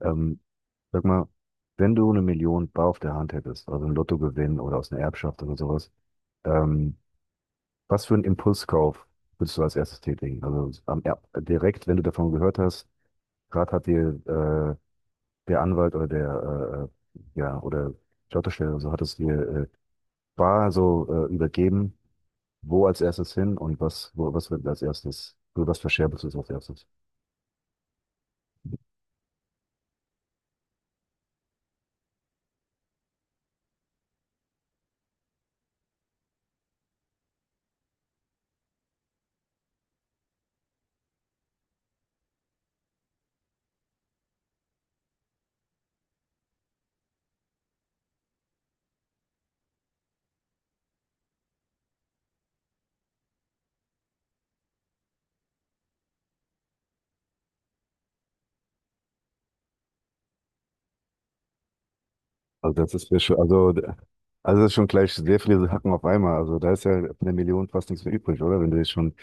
Ähm, sag mal, wenn du eine Million bar auf der Hand hättest, also einen Lottogewinn oder aus einer Erbschaft oder sowas, ähm, was für einen Impulskauf würdest du als erstes tätigen? Also direkt, wenn du davon gehört hast, gerade hat dir der Anwalt oder der ja oder die Autostelle oder so hat es dir äh, bar so übergeben, wo als erstes hin und was wird als erstes, oder was verscherbelst du als erstes? Also das ist ja schon, also, also das ist schon gleich sehr viele Hacken auf einmal. Also da ist ja von der Million fast nichts mehr übrig, oder? Wenn du jetzt schon,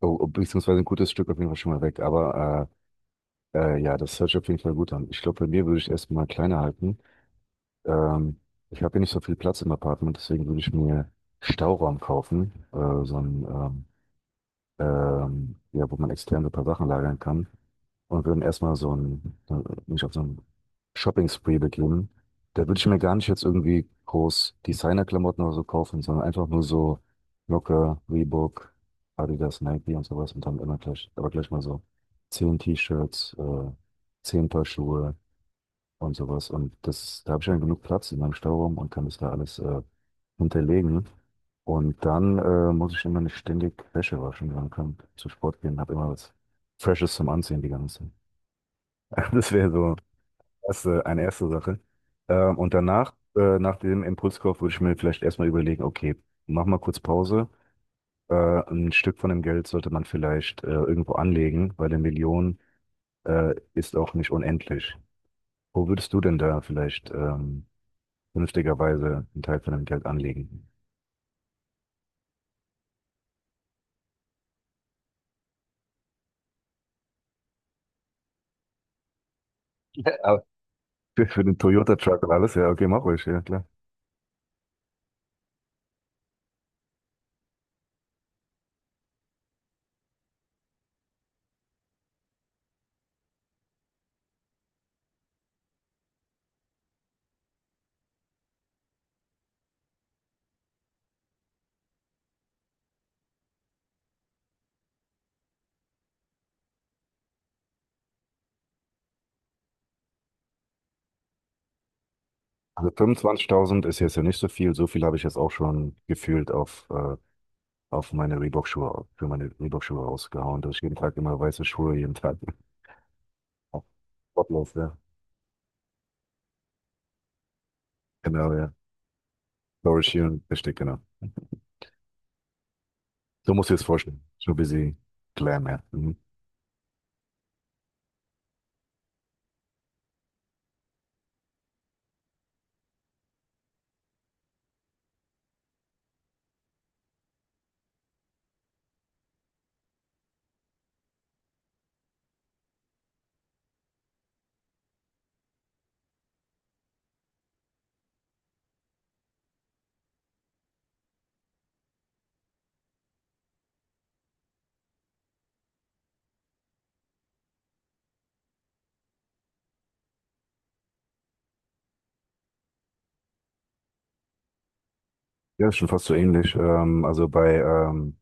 oh, oh, beziehungsweise ein gutes Stück auf jeden Fall schon mal weg. Aber ja, das hört sich auf jeden Fall gut an. Ich glaube, bei mir würde ich erstmal kleiner halten. Ähm, ich habe hier nicht so viel Platz im Apartment, deswegen würde ich mir Stauraum kaufen, ja, wo man extern so ein paar Sachen lagern kann und würden erstmal mich auf so ein Shopping-Spree begeben. Da würde ich mir gar nicht jetzt irgendwie groß Designer-Klamotten oder so kaufen, sondern einfach nur so locker, Reebok, Adidas, Nike und sowas, und dann immer gleich, aber gleich mal so zehn T-Shirts, zehn Paar Schuhe und sowas. Und das, da habe ich dann genug Platz in meinem Stauraum und kann das da alles hinterlegen. Und dann muss ich immer nicht ständig Wäsche waschen, sondern kann zum Sport gehen, habe immer was Freshes zum Anziehen die ganze Zeit. Das wäre so eine erste Sache. Und danach, nach dem Impulskauf, würde ich mir vielleicht erstmal überlegen, okay, mach mal kurz Pause. Äh, ein Stück von dem Geld sollte man vielleicht irgendwo anlegen, weil eine Million ist auch nicht unendlich. Wo würdest du denn da vielleicht vernünftigerweise einen Teil von dem Geld anlegen? Ja, aber für den Toyota-Truck und alles, ja, okay, mach ruhig, ja klar. Also 25.000 ist jetzt ja nicht so viel. So viel habe ich jetzt auch schon gefühlt auf meine Reebok-Schuhe, für meine Reebok-Schuhe rausgehauen, dass ich jeden Tag immer weiße Schuhe, jeden Tag auf Sportlauf, ja. Genau, ja. Laura Sheeran, richtig, genau. So musst du dir das vorstellen. So busy Glam, ja. Mhm. Ja, ist schon fast so ähnlich.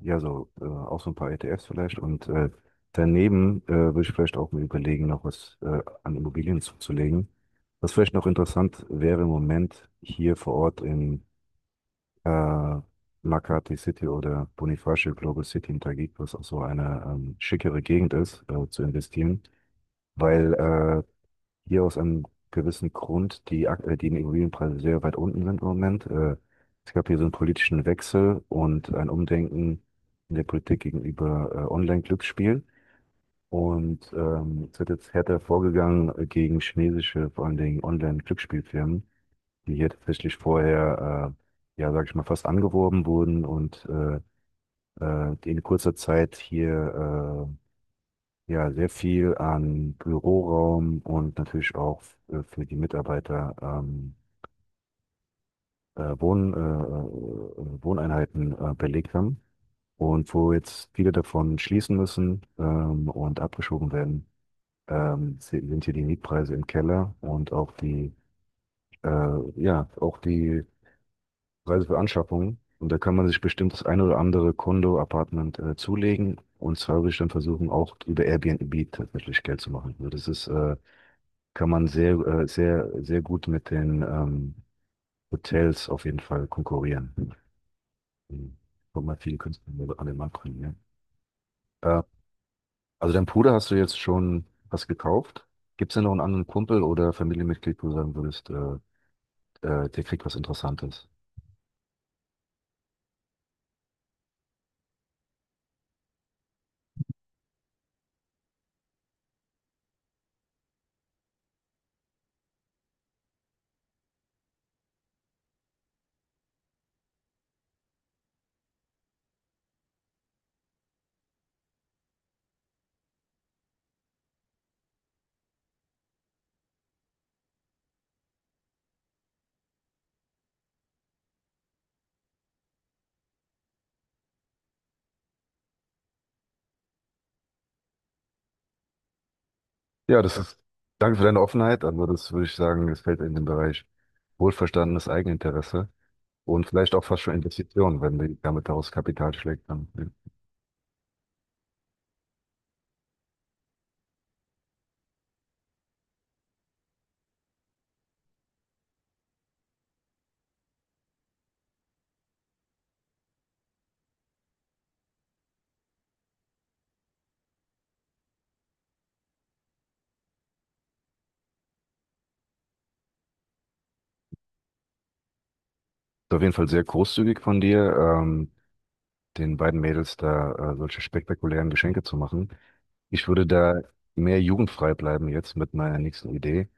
Ja, so, auch so ein paar ETFs vielleicht. Und daneben würde ich vielleicht auch mir überlegen, noch was an Immobilien zuzulegen. Was vielleicht noch interessant wäre, im Moment hier vor Ort in äh, Makati City oder Bonifacio Global City in Taguig, was auch so eine schickere Gegend ist, zu investieren, weil hier aus einem gewissen Grund die Immobilienpreise sehr weit unten sind im Moment. Es gab hier so einen politischen Wechsel und ein Umdenken in der Politik gegenüber Online-Glücksspielen. Und es wird jetzt härter vorgegangen gegen chinesische, vor allen Dingen Online-Glücksspielfirmen, die hier tatsächlich vorher, ja, sag ich mal, fast angeworben wurden und die in kurzer Zeit hier ja, sehr viel an Büroraum und natürlich auch für die Mitarbeiter Wohneinheiten belegt haben und wo jetzt viele davon schließen müssen und abgeschoben werden, sind hier die Mietpreise im Keller und auch die ja auch die Preise für Anschaffungen. Und da kann man sich bestimmt das ein oder andere Kondo-Apartment zulegen. Und zwar würde ich dann versuchen, auch über Airbnb tatsächlich Geld zu machen. Also das ist kann man sehr gut mit den Hotels auf jeden Fall konkurrieren. Mhm. Kommt mal viele Künstler an den Markt bringen, ja. Also dein Bruder, hast du jetzt schon was gekauft? Gibt es denn noch einen anderen Kumpel oder Familienmitglied, wo du sagen würdest, der kriegt was Interessantes? Ja, das ist, danke für deine Offenheit, aber das würde ich sagen, das fällt in den Bereich wohlverstandenes Eigeninteresse und vielleicht auch fast schon Investitionen, wenn die damit daraus Kapital schlägt. Dann, ja. Ist auf jeden Fall sehr großzügig von dir. Den beiden Mädels da solche spektakulären Geschenke zu machen. Ich würde da mehr jugendfrei bleiben jetzt mit meiner nächsten Idee.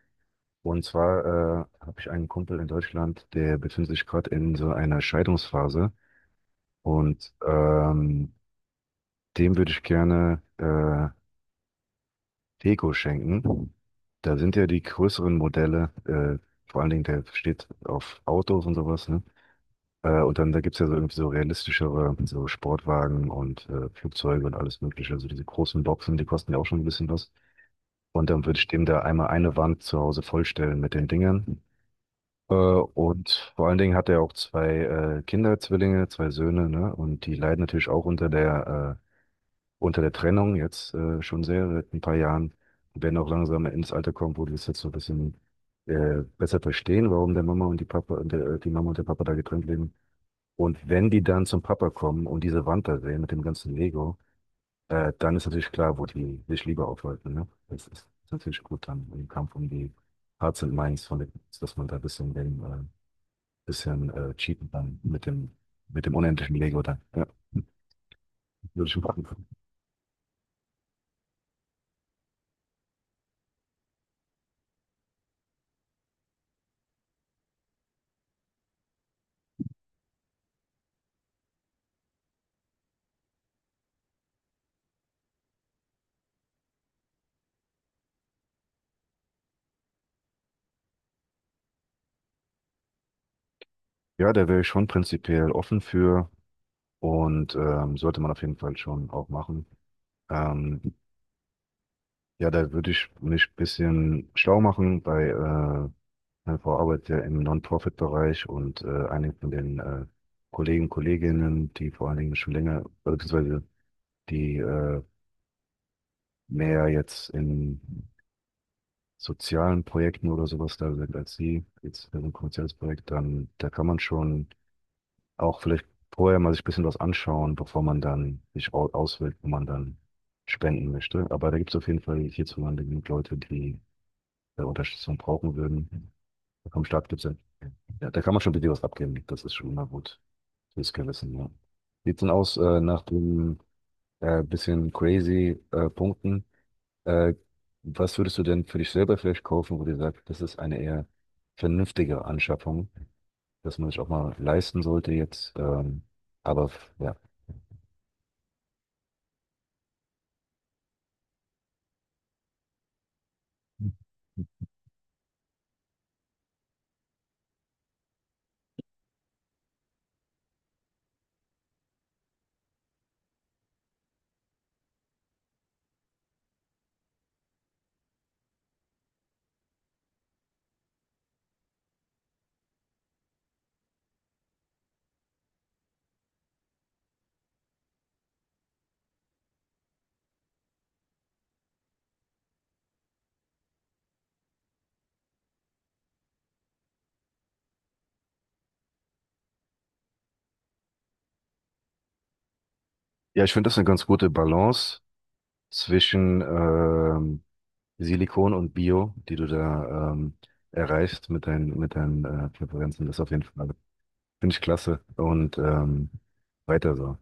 Und zwar habe ich einen Kumpel in Deutschland, der befindet sich gerade in so einer Scheidungsphase. Und dem würde ich gerne Deko schenken. Da sind ja die größeren Modelle, vor allen Dingen der steht auf Autos und sowas, ne? Und dann da gibt's ja so irgendwie so realistischere, so Sportwagen und Flugzeuge und alles Mögliche. Also diese großen Boxen, die kosten ja auch schon ein bisschen was. Und dann würde ich dem da einmal eine Wand zu Hause vollstellen mit den Dingern. Und vor allen Dingen hat er auch zwei Kinder, Zwillinge, zwei Söhne, ne? Und die leiden natürlich auch unter der Trennung jetzt schon sehr, seit ein paar Jahren. Die werden auch langsam ins Alter kommen, wo die es jetzt so ein bisschen besser verstehen, warum der Mama und die Papa, der, die Mama und der Papa da getrennt leben. Und wenn die dann zum Papa kommen und diese Wand da sehen mit dem ganzen Lego, dann ist natürlich klar, wo die sich lieber aufhalten. Ne? Das ist natürlich gut dann im Kampf um die Hearts and Minds von den Kids, dass man da ein bisschen, bisschen cheaten kann mit dem unendlichen Lego dann. Ja, würde ich machen. Ja, da wäre ich schon prinzipiell offen für und sollte man auf jeden Fall schon auch machen. Ähm, ja, da würde ich mich ein bisschen schlau machen bei meine Frau arbeitet ja im Non-Profit-Bereich und einige von den Kollegen, Kolleginnen, die vor allen Dingen schon länger, beziehungsweise die mehr jetzt in sozialen Projekten oder sowas da sind als sie, jetzt für so ein kommerzielles Projekt, dann da kann man schon auch vielleicht vorher mal sich ein bisschen was anschauen, bevor man dann sich auswählt, wo man dann spenden möchte. Aber da gibt es auf jeden Fall hierzulande genug Leute, die Unterstützung brauchen würden. Da kommen Startgipfel. Ja, ja, da kann man schon ein bisschen was abgeben. Das ist schon mal gut. Fürs Gewissen, ja. Sieht denn aus, nach den bisschen crazy Punkten, äh, was würdest du denn für dich selber vielleicht kaufen, wo du sagst, das ist eine eher vernünftige Anschaffung, dass man sich auch mal leisten sollte jetzt. Ja. Ja, ich finde das eine ganz gute Balance zwischen Silikon und Bio, die du da erreichst mit deinen Präferenzen. Das auf jeden Fall. Finde ich klasse. Und weiter so.